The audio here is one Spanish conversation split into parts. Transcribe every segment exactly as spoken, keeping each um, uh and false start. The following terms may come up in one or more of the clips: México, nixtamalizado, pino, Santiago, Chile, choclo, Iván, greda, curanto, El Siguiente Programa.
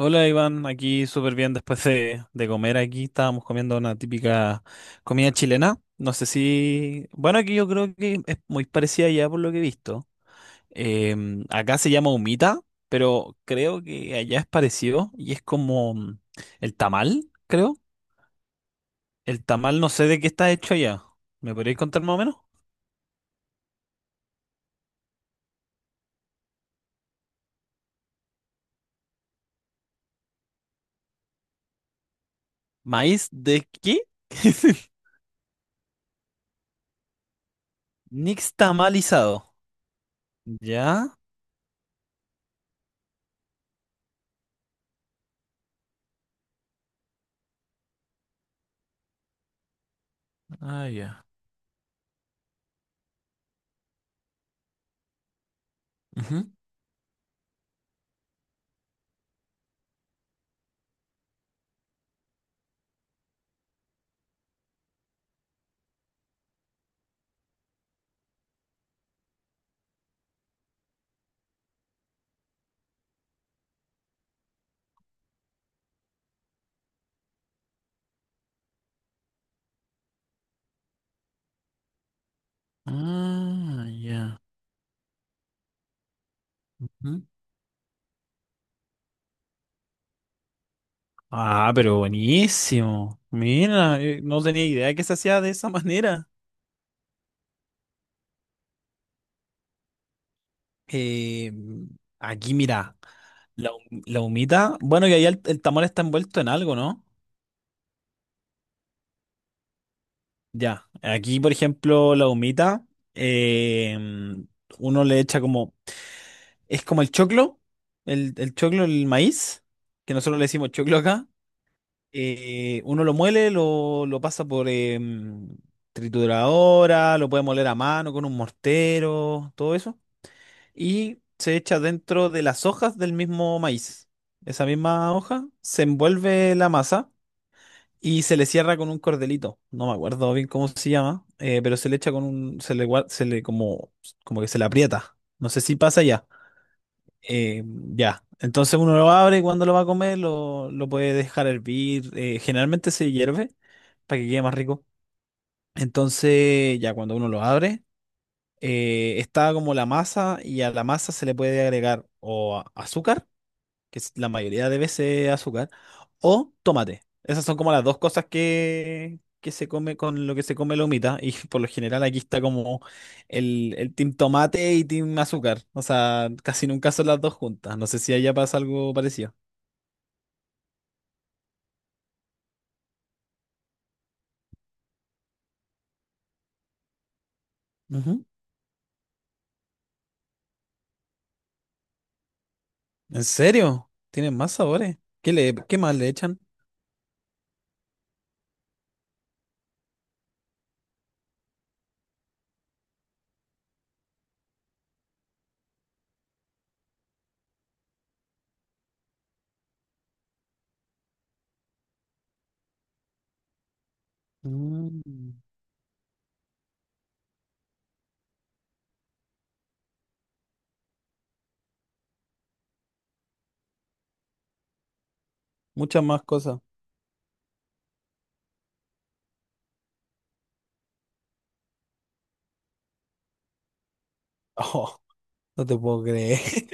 Hola Iván, aquí súper bien después de, de comer aquí. Estábamos comiendo una típica comida chilena. No sé si. Bueno, aquí yo creo que es muy parecida allá por lo que he visto. Em, acá se llama humita, pero creo que allá es parecido y es como mm, el tamal, creo. El tamal no sé de qué está hecho allá. ¿Me podríais contar más o menos? ¿Maíz de qué? Nixtamalizado. ¿Ya? Ah, ya. Ujú. Ah, ya. Ujú. Ah, pero buenísimo. Mira, eh, no tenía idea que se hacía de esa manera. Eh, Aquí, mira, la, hu- la humita. Bueno, y ahí el, el tamal está envuelto en algo, ¿no? Ya. Aquí, por ejemplo, la humita, eh, uno le echa como. Es como el choclo, el, el choclo, el maíz, que nosotros le decimos choclo acá. Eh, uno lo muele, lo, lo pasa por em, trituradora, lo puede moler a mano con un mortero, todo eso. Y se echa dentro de las hojas del mismo maíz. Esa misma hoja se envuelve la masa y se le cierra con un cordelito. No me acuerdo bien cómo se llama, eh, pero se le echa con un, se le, gua- se le como, como que se le aprieta. No sé si pasa ya. Eh, ya. Entonces uno lo abre y cuando lo va a comer lo, lo puede dejar hervir. eh, generalmente se hierve para que quede más rico. Entonces ya cuando uno lo abre eh, está como la masa y a la masa se le puede agregar o a- azúcar, que es la mayoría de veces azúcar, o tomate. Esas son como las dos cosas que, que se come con lo que se come la humita y por lo general aquí está como el, el team tomate y team azúcar. O sea, casi nunca son las dos juntas. No sé si allá pasa algo parecido. Ujú. ¿En serio? ¿Tienen más sabores? ¿Qué le, qué más le echan? Mm, Muchas más cosas. Oh, no te puedo creer.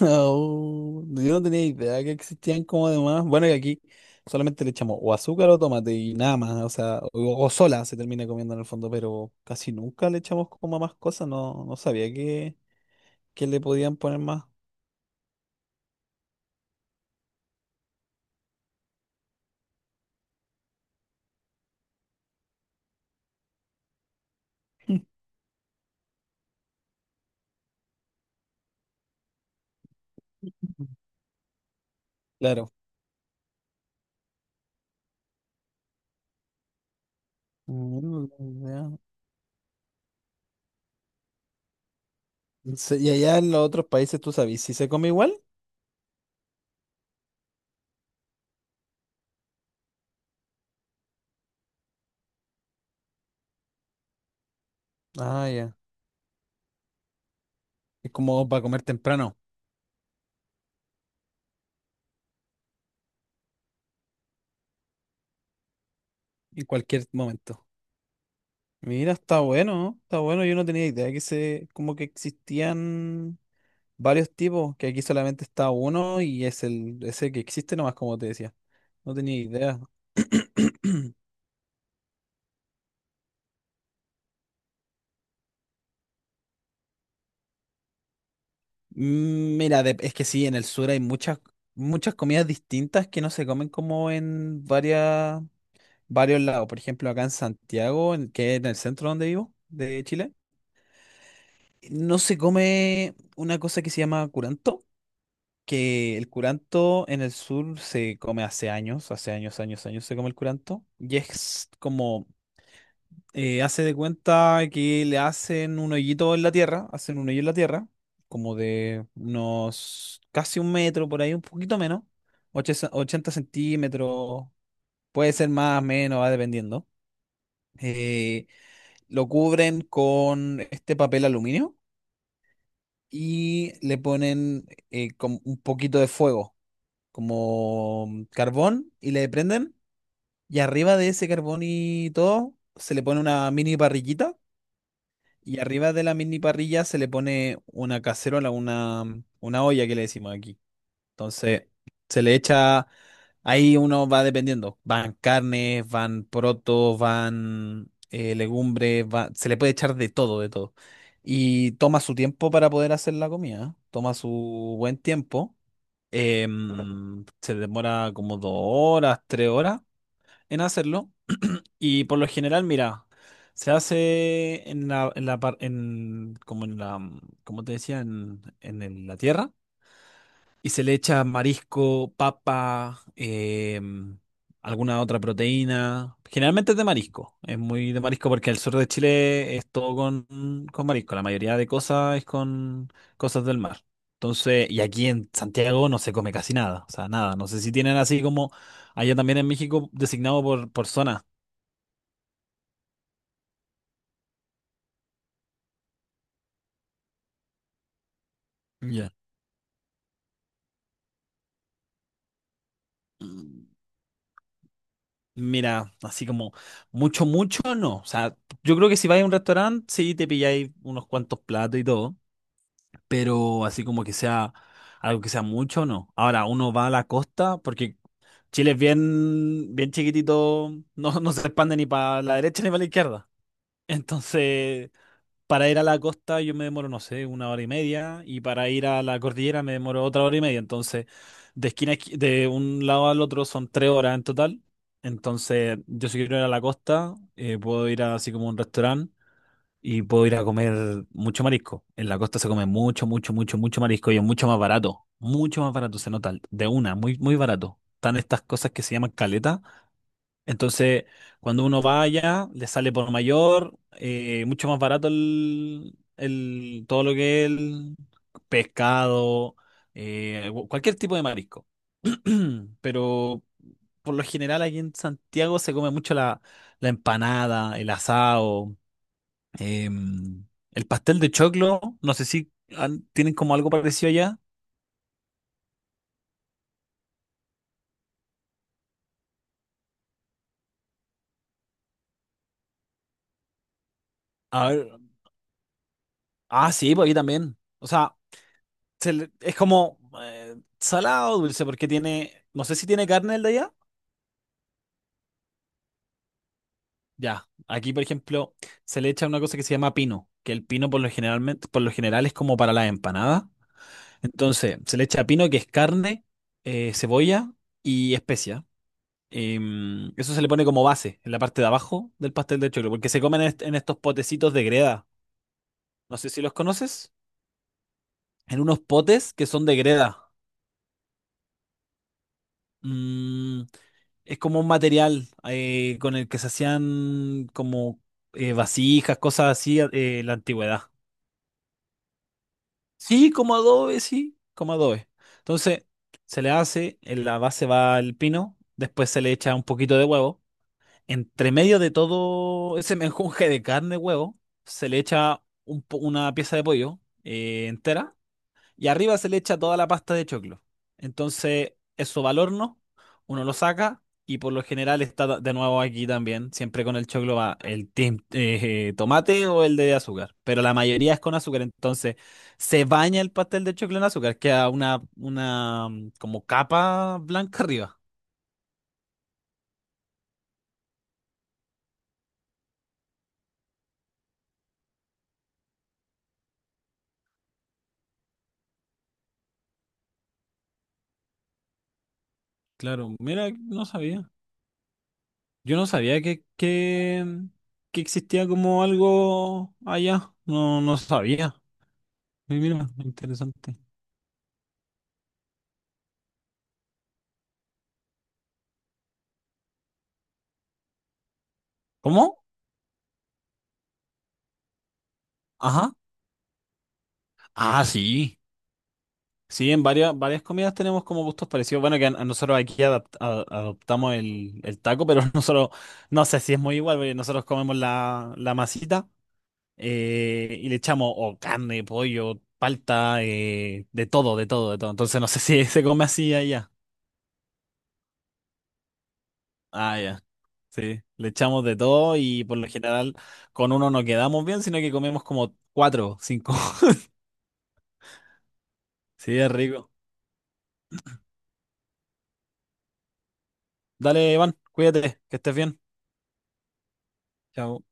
Oh, yo no tenía idea que existían como demás. Bueno, y aquí solamente le echamos o azúcar o tomate y nada más, o sea, o, o sola se termina comiendo en el fondo, pero casi nunca le echamos como más cosas, no, no sabía que, que le podían poner más. Claro. Mm, ya. Se- Y allá en los otros países, ¿tú sabes si se come igual? Ah, ya. Es como para comer temprano, en cualquier momento. Mira, está bueno, está bueno. Yo no tenía idea que se, como que existían varios tipos, que aquí solamente está uno y es el ese que existe nomás, como te decía. No tenía idea. Mm, Mira, de- es que sí, en el sur hay muchas, muchas comidas distintas que no se comen como en varias, varios lados. Por ejemplo, acá en Santiago, en- que es en el centro donde vivo, de Chile, no se come una cosa que se llama curanto, que el curanto en el sur se come hace años, hace años, años, años se come el curanto, y es como eh, hace de cuenta que le hacen un hoyito en la tierra, hacen un hoyo en la tierra, como de unos casi un metro, por ahí un poquito menos, oche- ochenta centímetros, puede ser más, menos, va dependiendo. Eh, lo cubren con este papel aluminio y le ponen eh, como un poquito de fuego, como mm, carbón, y le prenden. Y arriba de ese carbón y todo, se le pone una mini parrillita. Y arriba de la mini parrilla se le pone una cacerola, una, una olla que le decimos aquí. Entonces, se le echa, ahí uno va dependiendo. Van carnes, van porotos, van eh, legumbres, va- se le puede echar de todo, de todo. Y toma su tiempo para poder hacer la comida, ¿eh? Toma su buen tiempo. Em, se demora como dos horas, tres horas en hacerlo. Y por lo general, mira, se hace en la, en la par- en, como en la, mm, como te decía, en, en el- la tierra. Y se le echa marisco, papa, eh, mm, alguna otra proteína. Generalmente es de marisco. Es muy de marisco porque el sur de Chile es todo con, con marisco. La mayoría de cosas es con cosas del mar. Entonces, y aquí en Santiago no se come casi nada. O sea, nada. No sé si tienen así como allá también en México designado por, por zona. Ya. Mira, así como mucho, mucho no. O sea, yo creo que si vais a un restaurante, sí te pilláis unos cuantos platos y todo, pero así como que sea algo que sea mucho, no. Ahora, uno va a la costa porque Chile es bien, bien chiquitito, no, no se expande ni para la derecha ni para la izquierda. Entonces, para ir a la costa yo me demoro, no sé, una hora y media y para ir a la cordillera me demoro otra hora y media. Entonces, de esquina a esqui- de un lado al otro son tres horas en total. Entonces, yo si quiero ir a la costa, eh, puedo ir a así como un restaurante y puedo ir a comer mucho marisco. En la costa se come mucho, mucho, mucho, mucho marisco y es mucho más barato. Mucho más barato, se nota de una, muy, muy barato. Están estas cosas que se llaman caletas, entonces, cuando uno vaya, le sale por mayor, eh, mucho más barato el, el- todo lo que es el pescado, eh, cu- cualquier tipo de marisco. Pero por lo general aquí en Santiago se come mucho la, la empanada, el asado. Eh, el pastel de choclo, no sé si han- tienen como algo parecido allá. A ver, ah, sí, pues aquí también. O sea, se le- es como eh, salado dulce porque tiene, no sé si tiene carne el de allá. Ya, aquí por ejemplo se le echa una cosa que se llama pino, que el pino por lo generalmente, por lo general es como para las empanadas. Entonces, se le echa pino, que es carne, eh, cebolla y especia. Em, eso se le pone como base en la parte de abajo del pastel de choclo, porque se comen en, est- en estos potecitos de greda. No sé si los conoces. En unos potes que son de greda. Mm, es como un material eh, con el que se hacían como eh, vasijas, cosas así, eh, en la antigüedad. Sí, como adobe, sí, como adobe. Entonces, se le hace, en la base va el pino, después se le echa un poquito de huevo. Entre medio de todo ese menjunje de carne, huevo, se le echa un po- una pieza de pollo eh, entera y arriba se le echa toda la pasta de choclo. Entonces, eso va al horno, uno lo saca y por lo general está da- de nuevo aquí también. Siempre con el choclo va el tim- eh, tomate o el de azúcar, pero la mayoría es con azúcar. Entonces, se baña el pastel de choclo en azúcar, queda una, una mm, como capa blanca arriba. Claro, mira, no sabía. Yo no sabía que, que, que existía como algo allá. No, no sabía. Y mira, interesante. ¿Cómo? Ajá. Ah, sí. Sí, en varias, varias comidas tenemos como gustos parecidos. Bueno, que a, a nosotros aquí adapt- a- adoptamos el, el taco, pero nosotros, no sé si es muy igual, porque nosotros comemos la, la masita eh, y le echamos o carne, pollo, palta, eh, de todo, de todo, de todo. Entonces no sé si se come así allá. Ah, ya. Sí, le echamos de todo y por lo general con uno no quedamos bien, sino que comemos como cuatro, cinco. Sí, es rico. Dale, Iván, cuídate, que estés bien. Chao.